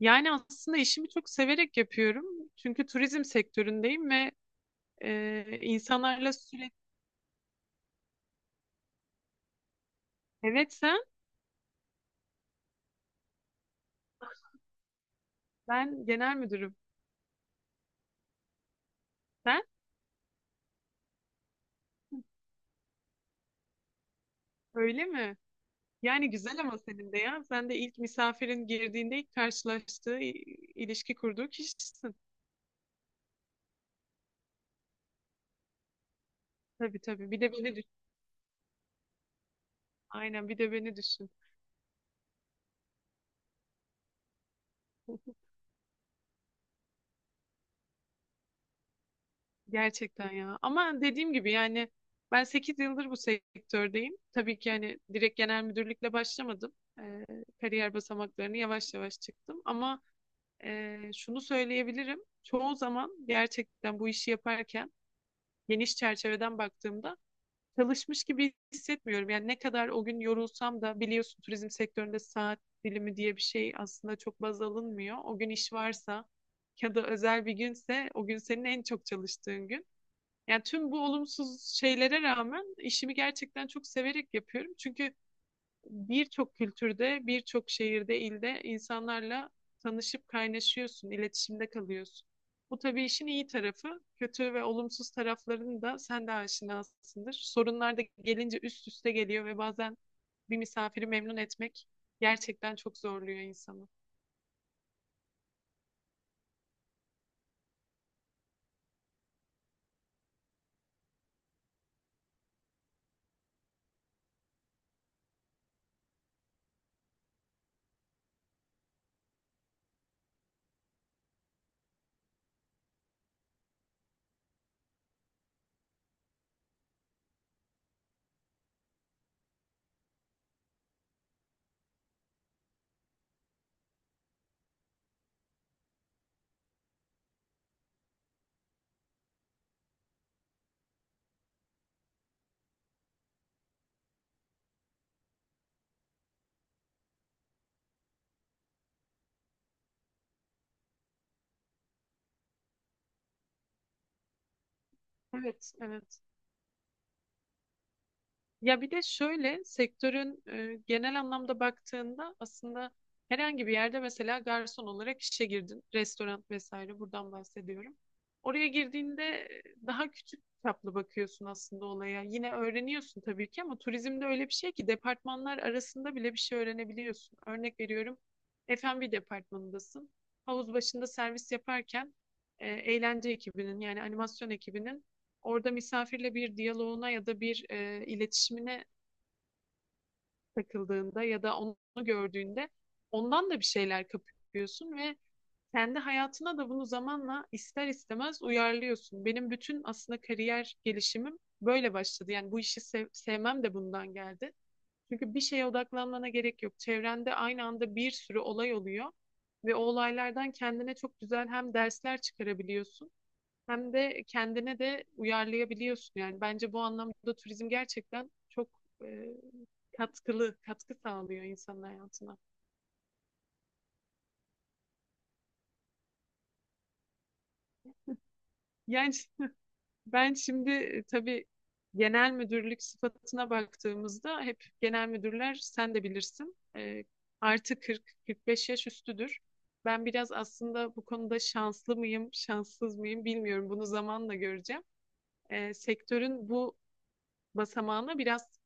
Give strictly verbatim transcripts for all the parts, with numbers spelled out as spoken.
Yani aslında işimi çok severek yapıyorum. Çünkü turizm sektöründeyim ve e, insanlarla sürekli... Evet, sen, ben genel müdürüm. Sen öyle mi? Yani güzel ama senin de ya. Sen de ilk misafirin girdiğinde ilk karşılaştığı, i- ilişki kurduğu kişisin. Tabii tabii. Bir de beni düşün. Aynen bir de beni düşün. Gerçekten ya. Ama dediğim gibi yani ben sekiz yıldır bu sektördeyim. Tabii ki yani direkt genel müdürlükle başlamadım. Ee, Kariyer basamaklarını yavaş yavaş çıktım. Ama Ee, şunu söyleyebilirim. Çoğu zaman gerçekten bu işi yaparken geniş çerçeveden baktığımda çalışmış gibi hissetmiyorum. Yani ne kadar o gün yorulsam da biliyorsun turizm sektöründe saat dilimi diye bir şey aslında çok baz alınmıyor. O gün iş varsa ya da özel bir günse o gün senin en çok çalıştığın gün. Yani tüm bu olumsuz şeylere rağmen işimi gerçekten çok severek yapıyorum. Çünkü birçok kültürde, birçok şehirde, ilde insanlarla tanışıp kaynaşıyorsun, iletişimde kalıyorsun. Bu tabii işin iyi tarafı. Kötü ve olumsuz taraflarını da sen de aşinasındır. Sorunlar da gelince üst üste geliyor ve bazen bir misafiri memnun etmek gerçekten çok zorluyor insanı. Evet, evet. Ya bir de şöyle sektörün e, genel anlamda baktığında aslında herhangi bir yerde mesela garson olarak işe girdin. Restoran vesaire buradan bahsediyorum. Oraya girdiğinde e, daha küçük çaplı bakıyorsun aslında olaya. Yine öğreniyorsun tabii ki ama turizmde öyle bir şey ki departmanlar arasında bile bir şey öğrenebiliyorsun. Örnek veriyorum, ef bi departmanındasın. Havuz başında servis yaparken e, eğlence ekibinin yani animasyon ekibinin orada misafirle bir diyaloğuna ya da bir e, iletişimine takıldığında ya da onu gördüğünde ondan da bir şeyler kapıyorsun ve kendi hayatına da bunu zamanla ister istemez uyarlıyorsun. Benim bütün aslında kariyer gelişimim böyle başladı. Yani bu işi sev- sevmem de bundan geldi. Çünkü bir şeye odaklanmana gerek yok. Çevrende aynı anda bir sürü olay oluyor ve o olaylardan kendine çok güzel hem dersler çıkarabiliyorsun hem de kendine de uyarlayabiliyorsun. Yani bence bu anlamda turizm gerçekten çok e, katkılı, katkı sağlıyor insanın hayatına. Yani ben şimdi e, tabii genel müdürlük sıfatına baktığımızda hep genel müdürler sen de bilirsin, e, artı kırk kırk beş yaş üstüdür. Ben biraz aslında bu konuda şanslı mıyım, şanssız mıyım bilmiyorum. Bunu zamanla göreceğim. E, sektörün bu basamağına biraz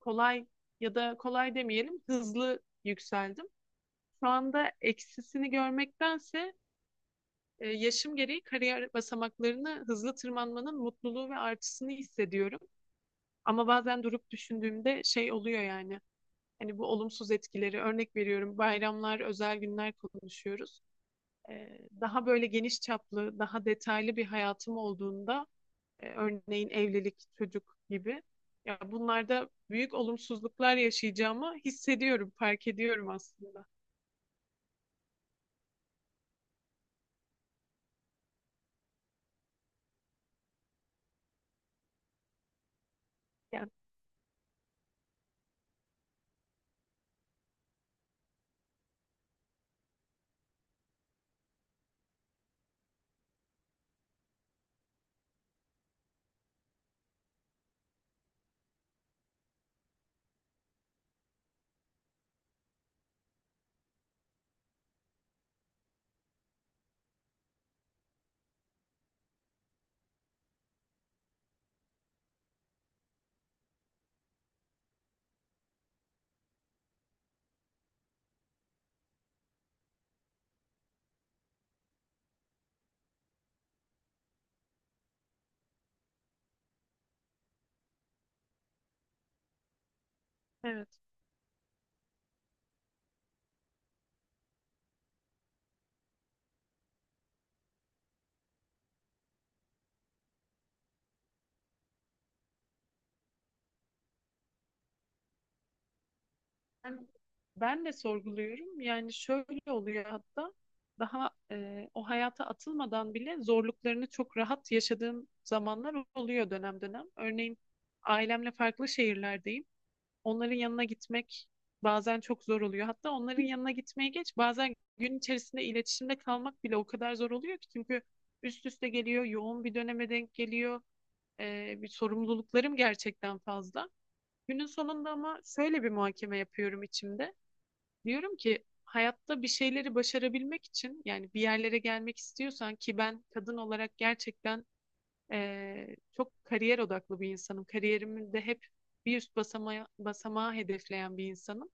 kolay ya da kolay demeyelim, hızlı yükseldim. Şu anda eksisini görmektense e, yaşım gereği kariyer basamaklarını hızlı tırmanmanın mutluluğu ve artısını hissediyorum. Ama bazen durup düşündüğümde şey oluyor yani. Hani bu olumsuz etkileri örnek veriyorum. Bayramlar, özel günler konuşuyoruz. E, daha böyle geniş çaplı, daha detaylı bir hayatım olduğunda, e, örneğin evlilik, çocuk gibi. Ya bunlarda büyük olumsuzluklar yaşayacağımı hissediyorum, fark ediyorum aslında. Yani evet. Ben, ben de sorguluyorum. Yani şöyle oluyor, hatta daha e, o hayata atılmadan bile zorluklarını çok rahat yaşadığım zamanlar oluyor dönem dönem. Örneğin ailemle farklı şehirlerdeyim. Onların yanına gitmek bazen çok zor oluyor. Hatta onların yanına gitmeye geç, bazen gün içerisinde iletişimde kalmak bile o kadar zor oluyor ki, çünkü üst üste geliyor, yoğun bir döneme denk geliyor. Ee, bir sorumluluklarım gerçekten fazla. Günün sonunda ama şöyle bir muhakeme yapıyorum içimde. Diyorum ki hayatta bir şeyleri başarabilmek için, yani bir yerlere gelmek istiyorsan, ki ben kadın olarak gerçekten ee, çok kariyer odaklı bir insanım. Kariyerimi de hep bir üst basamağa, basamağı hedefleyen bir insanım.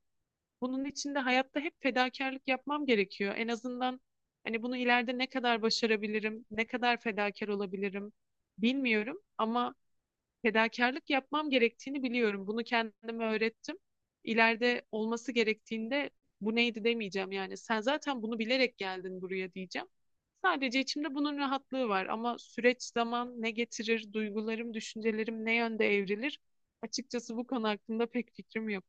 Bunun için de hayatta hep fedakarlık yapmam gerekiyor. En azından hani bunu ileride ne kadar başarabilirim, ne kadar fedakar olabilirim bilmiyorum ama fedakarlık yapmam gerektiğini biliyorum. Bunu kendime öğrettim. İleride olması gerektiğinde bu neydi demeyeceğim yani. Sen zaten bunu bilerek geldin buraya diyeceğim. Sadece içimde bunun rahatlığı var ama süreç zaman ne getirir, duygularım, düşüncelerim ne yönde evrilir? Açıkçası bu konu hakkında pek fikrim yok.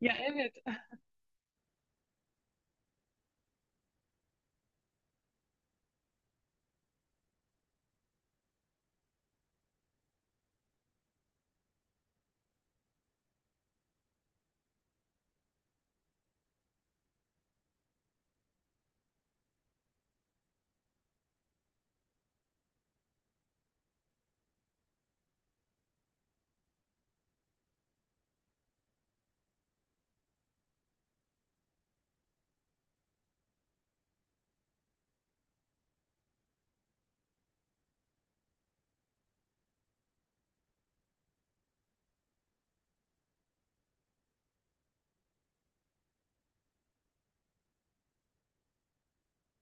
Ya evet.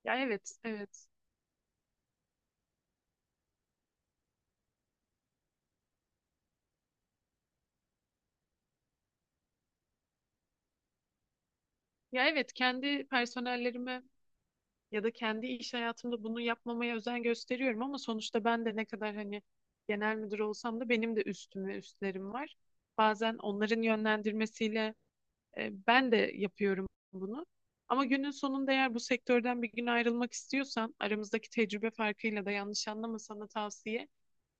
Ya evet, evet. Ya evet, kendi personellerime ya da kendi iş hayatımda bunu yapmamaya özen gösteriyorum ama sonuçta ben de ne kadar hani genel müdür olsam da benim de üstüm ve üstlerim var. Bazen onların yönlendirmesiyle e, ben de yapıyorum bunu. Ama günün sonunda eğer bu sektörden bir gün ayrılmak istiyorsan, aramızdaki tecrübe farkıyla da yanlış anlama, sana tavsiye.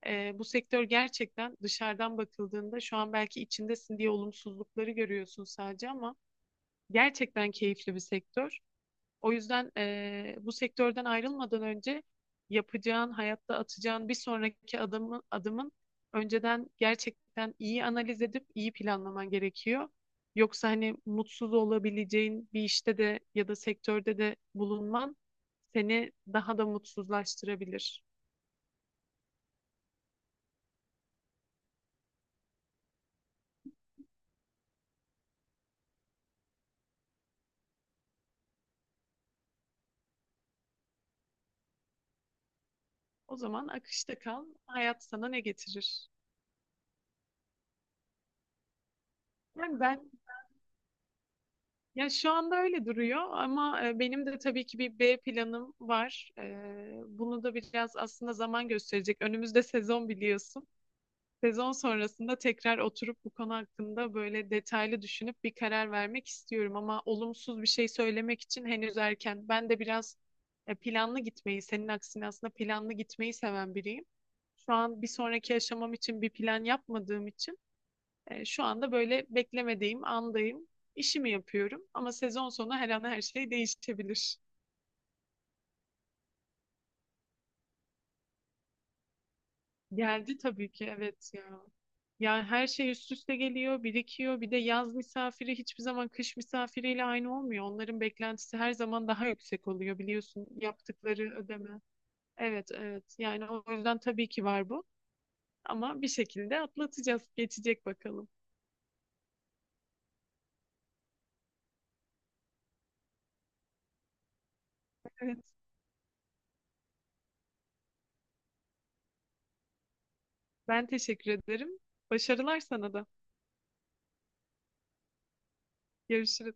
e, Bu sektör gerçekten dışarıdan bakıldığında, şu an belki içindesin diye olumsuzlukları görüyorsun sadece ama gerçekten keyifli bir sektör. O yüzden eee, bu sektörden ayrılmadan önce yapacağın, hayatta atacağın bir sonraki adımı, adımın önceden gerçekten iyi analiz edip iyi planlaman gerekiyor. Yoksa hani mutsuz olabileceğin bir işte de ya da sektörde de bulunman seni daha da mutsuzlaştırabilir. O zaman akışta kal, hayat sana ne getirir? Ya şu anda öyle duruyor ama e, benim de tabii ki bir B planım var. E, bunu da biraz aslında zaman gösterecek. Önümüzde sezon, biliyorsun. Sezon sonrasında tekrar oturup bu konu hakkında böyle detaylı düşünüp bir karar vermek istiyorum ama olumsuz bir şey söylemek için henüz erken. Ben de biraz e, planlı gitmeyi, senin aksine aslında planlı gitmeyi seven biriyim. Şu an bir sonraki aşamam için bir plan yapmadığım için e, şu anda böyle beklemediğim andayım. İşimi yapıyorum ama sezon sonu her an her şey değişebilir. Geldi tabii ki, evet ya. Yani her şey üst üste geliyor, birikiyor. Bir de yaz misafiri hiçbir zaman kış misafiriyle aynı olmuyor. Onların beklentisi her zaman daha yüksek oluyor, biliyorsun yaptıkları ödeme. Evet, evet, yani o yüzden tabii ki var bu. Ama bir şekilde atlatacağız, geçecek bakalım. Evet, ben teşekkür ederim. Başarılar sana da. Görüşürüz.